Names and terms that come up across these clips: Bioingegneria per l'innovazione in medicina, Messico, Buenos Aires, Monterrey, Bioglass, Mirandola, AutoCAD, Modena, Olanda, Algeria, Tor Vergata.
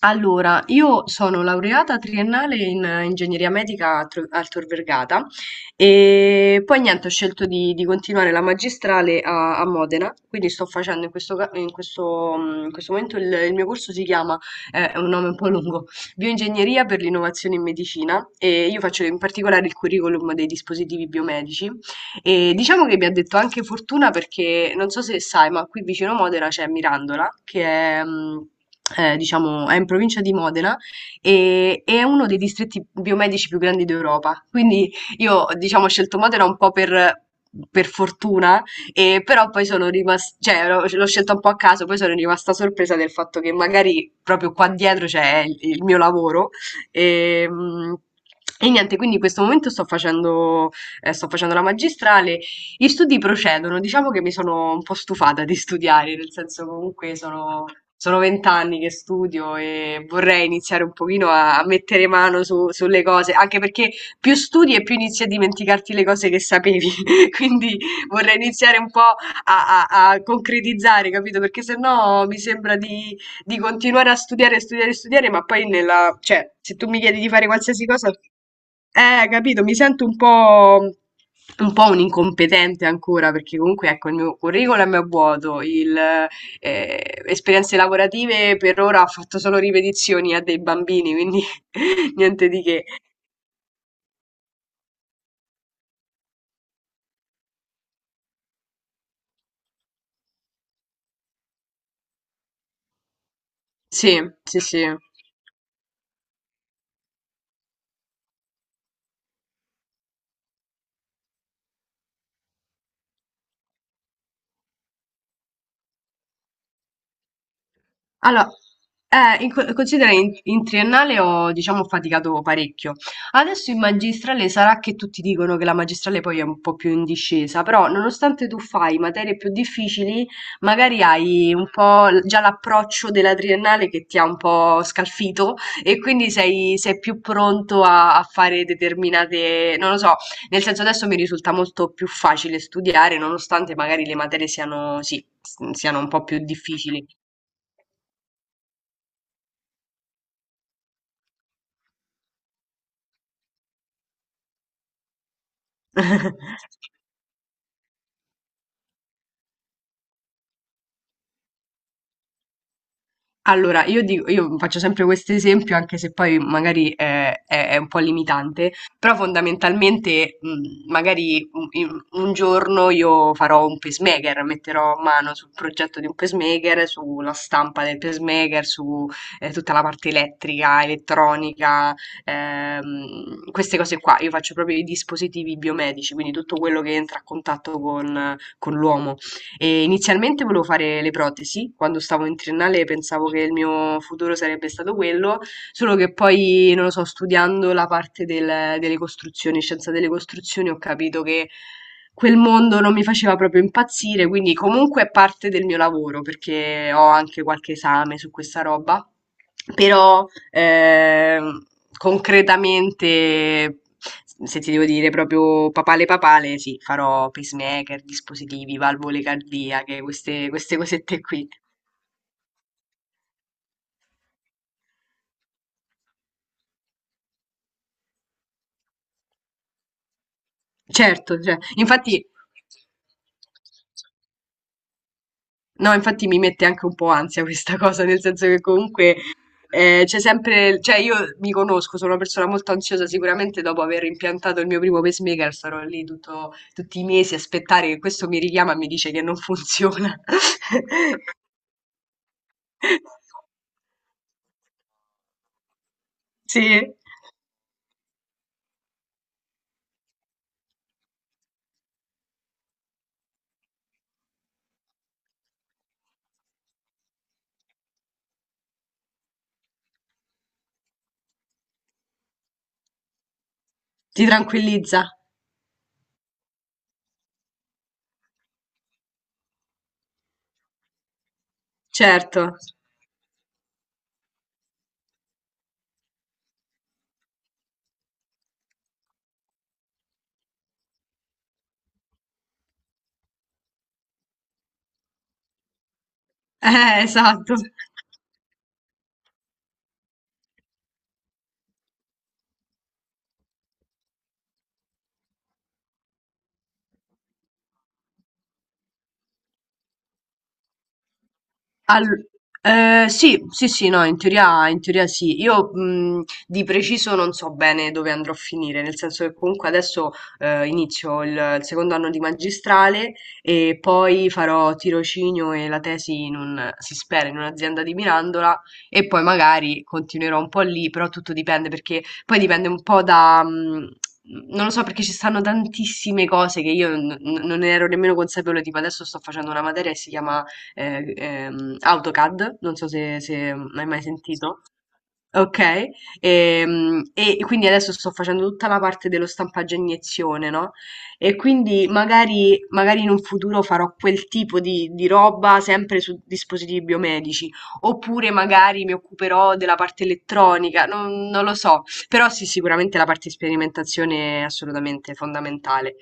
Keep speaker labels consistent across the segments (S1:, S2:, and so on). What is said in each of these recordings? S1: Allora, io sono laureata triennale in ingegneria medica a al Tor Vergata e poi niente, ho scelto di continuare la magistrale a Modena, quindi sto facendo in questo, in questo momento il mio corso si chiama, è un nome un po' lungo, Bioingegneria per l'innovazione in medicina e io faccio in particolare il curriculum dei dispositivi biomedici e diciamo che mi ha detto anche fortuna perché non so se sai, ma qui vicino Modena c'è Mirandola, che è, diciamo, è in provincia di Modena e è uno dei distretti biomedici più grandi d'Europa. Quindi io, diciamo, ho scelto Modena un po' per. Per fortuna, e però poi sono rimasta, cioè l'ho scelta un po' a caso, poi sono rimasta sorpresa del fatto che magari proprio qua dietro c'è il mio lavoro. E, mh, e niente, quindi in questo momento sto facendo la magistrale, gli studi procedono, diciamo che mi sono un po' stufata di studiare, nel senso comunque sono... Sono 20 anni che studio e vorrei iniziare un pochino a mettere mano sulle cose, anche perché più studi e più inizi a dimenticarti le cose che sapevi. Quindi vorrei iniziare un po' a concretizzare, capito? Perché sennò mi sembra di continuare a studiare, studiare, studiare, ma poi nella, cioè, se tu mi chiedi di fare qualsiasi cosa, capito, mi sento un po', un po' un incompetente ancora perché comunque ecco il mio curriculum è vuoto, esperienze lavorative per ora ho fatto solo ripetizioni a dei bambini, quindi niente di che. Sì, sì, sì. Allora, considera in triennale ho, diciamo, faticato parecchio. Adesso in magistrale sarà che tutti dicono che la magistrale poi è un po' più in discesa, però nonostante tu fai materie più difficili, magari hai un po' già l'approccio della triennale che ti ha un po' scalfito e quindi sei più pronto a fare determinate, non lo so, nel senso adesso mi risulta molto più facile studiare, nonostante magari le materie siano, sì, siano un po' più difficili. Allora, io faccio sempre questo esempio, anche se poi magari è un po' limitante, però fondamentalmente magari un giorno io farò un pacemaker, metterò mano sul progetto di un pacemaker, sulla stampa del pacemaker, su tutta la parte elettrica, elettronica, queste cose qua. Io faccio proprio i dispositivi biomedici, quindi tutto quello che entra a contatto con l'uomo. E inizialmente volevo fare le protesi, quando stavo in triennale pensavo che il mio futuro sarebbe stato quello, solo che poi, non lo so, studiando la parte delle costruzioni, scienza delle costruzioni, ho capito che quel mondo non mi faceva proprio impazzire, quindi comunque è parte del mio lavoro, perché ho anche qualche esame su questa roba. Però ehm, concretamente, se ti devo dire proprio papale papale, sì, farò pacemaker, dispositivi, valvole cardiache, queste, queste cosette qui. Certo, cioè, infatti... No, infatti mi mette anche un po' ansia questa cosa, nel senso che comunque c'è sempre, cioè io mi conosco, sono una persona molto ansiosa, sicuramente dopo aver impiantato il mio primo pacemaker sarò lì tutti i mesi a aspettare che questo mi richiama e mi dice che non funziona. Sì, ti tranquillizza, certo. Esatto. Al- sì, sì, sì, no, in teoria sì. Io di preciso non so bene dove andrò a finire, nel senso che comunque adesso inizio il secondo anno di magistrale e poi farò tirocinio e la tesi in un, si spera, in un'azienda di Mirandola e poi magari continuerò un po' lì, però tutto dipende perché poi dipende un po' da... Non lo so perché ci stanno tantissime cose che io non ne ero nemmeno consapevole, tipo adesso sto facendo una materia che si chiama AutoCAD, non so se hai mai sentito. Ok, quindi adesso sto facendo tutta la parte dello stampaggio a iniezione, no? E quindi magari, magari in un futuro farò quel tipo di roba sempre su dispositivi biomedici, oppure magari mi occuperò della parte elettronica, non lo so, però sì, sicuramente la parte di sperimentazione è assolutamente fondamentale.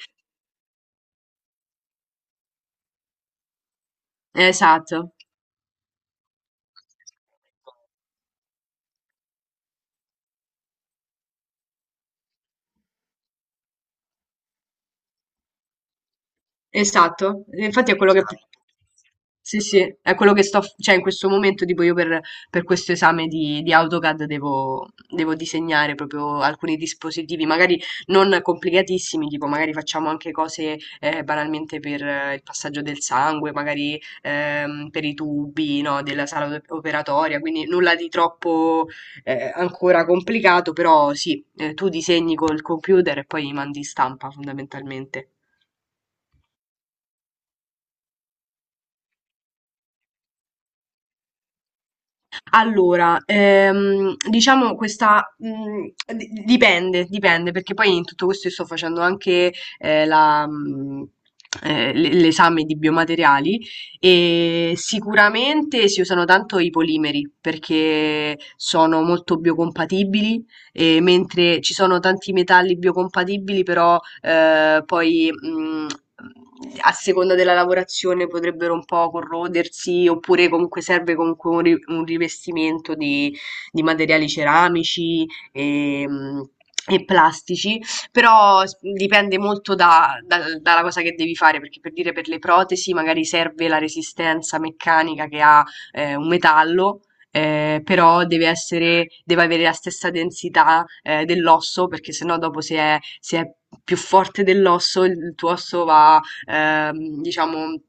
S1: Esatto. Esatto, e infatti è quello che esatto. Sì, sì, è quello che sto, cioè in questo momento tipo io per questo esame di AutoCAD devo, devo disegnare proprio alcuni dispositivi, magari non complicatissimi, tipo magari facciamo anche cose banalmente per il passaggio del sangue, magari per i tubi, no, della sala operatoria, quindi nulla di troppo ancora complicato, però sì, tu disegni col computer e poi mandi in stampa fondamentalmente. Allora, diciamo questa dipende, dipende, perché poi in tutto questo io sto facendo anche eh, la, mh, l'esame di biomateriali e sicuramente si usano tanto i polimeri perché sono molto biocompatibili e mentre ci sono tanti metalli biocompatibili, però poi a seconda della lavorazione potrebbero un po' corrodersi, oppure comunque serve comunque un rivestimento di materiali ceramici e, mh, e plastici, però dipende molto dalla cosa che devi fare, perché per dire per le protesi magari serve la resistenza meccanica che ha un metallo però deve avere la stessa densità, dell'osso, perché sennò dopo se è più forte dell'osso, il tuo osso va, diciamo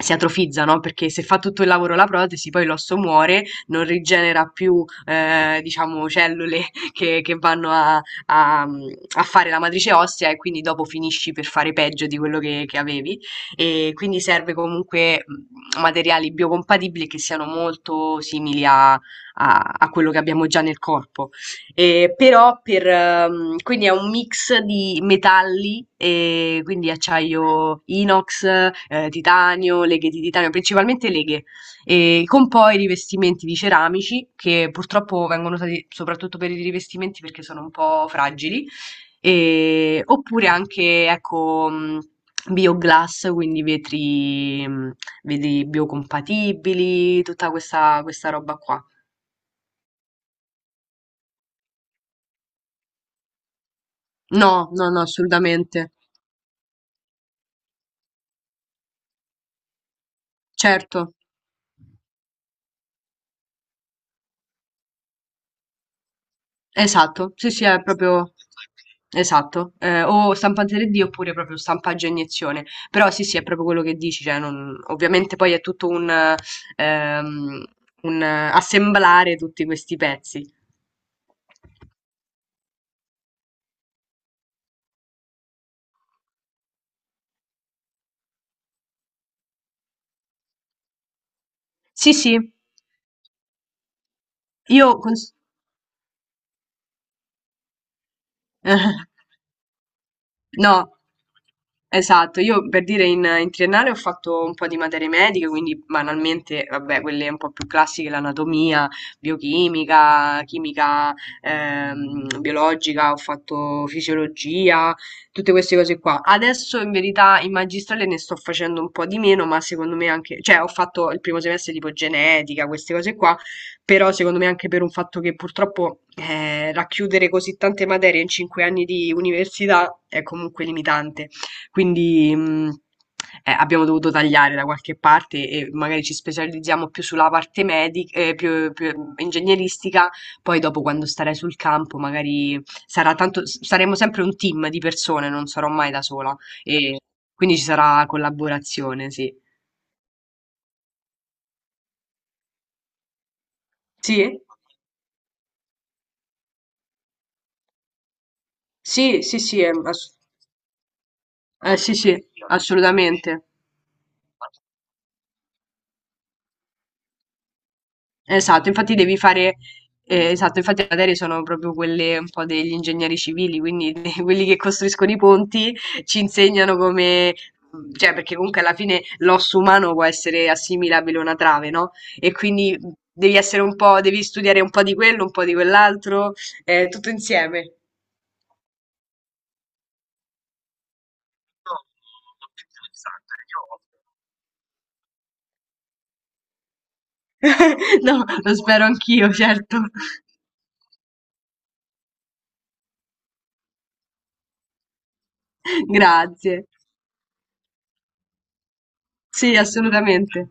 S1: si atrofizza, no, perché se fa tutto il lavoro la protesi poi l'osso muore, non rigenera più, diciamo cellule che vanno a a fare la matrice ossea e quindi dopo finisci per fare peggio di quello che avevi e quindi serve comunque materiali biocompatibili che siano molto simili a quello che abbiamo già nel corpo. E però per, quindi è un mix di metalli, e quindi acciaio inox, titanio, leghe di titanio, principalmente leghe, e con poi rivestimenti di ceramici che purtroppo vengono usati soprattutto per i rivestimenti perché sono un po' fragili. Oppure anche, ecco, Bioglass, quindi vetri, vetri biocompatibili, tutta questa, questa roba qua. No, no, no, assolutamente. Certo, esatto, sì, sì, è proprio esatto. Eh, o stampante 3D oppure proprio stampaggio a iniezione. Però sì, sì, è proprio quello che dici, cioè ovviamente poi è tutto ehm, un assemblare tutti questi pezzi. Sì, sì, io... No, esatto. Io per dire in triennale ho fatto un po' di materie mediche, quindi banalmente, vabbè, quelle un po' più classiche, l'anatomia, biochimica, chimica biologica, ho fatto fisiologia, tutte queste cose qua. Adesso in verità in magistrale ne sto facendo un po' di meno, ma secondo me anche, cioè ho fatto il primo semestre tipo genetica, queste cose qua. Però secondo me anche per un fatto che purtroppo racchiudere così tante materie in 5 anni di università è comunque limitante. Quindi abbiamo dovuto tagliare da qualche parte e magari ci specializziamo più sulla parte medica, più ingegneristica. Poi dopo quando starai sul campo magari sarà tanto, saremo sempre un team di persone, non sarò mai da sola. E quindi ci sarà collaborazione, sì. Sì? Sì, sì, sì, eh sì, sì, assolutamente. Esatto, infatti esatto, infatti le materie sono proprio quelle un po' degli ingegneri civili, quindi quelli che costruiscono i ponti ci insegnano come, cioè perché comunque alla fine l'osso umano può essere assimilabile a una trave, no? E quindi devi essere un po', devi studiare un po' di quello, un po' di quell'altro, tutto insieme. No, lo spero anch'io, certo. Grazie. Sì, assolutamente.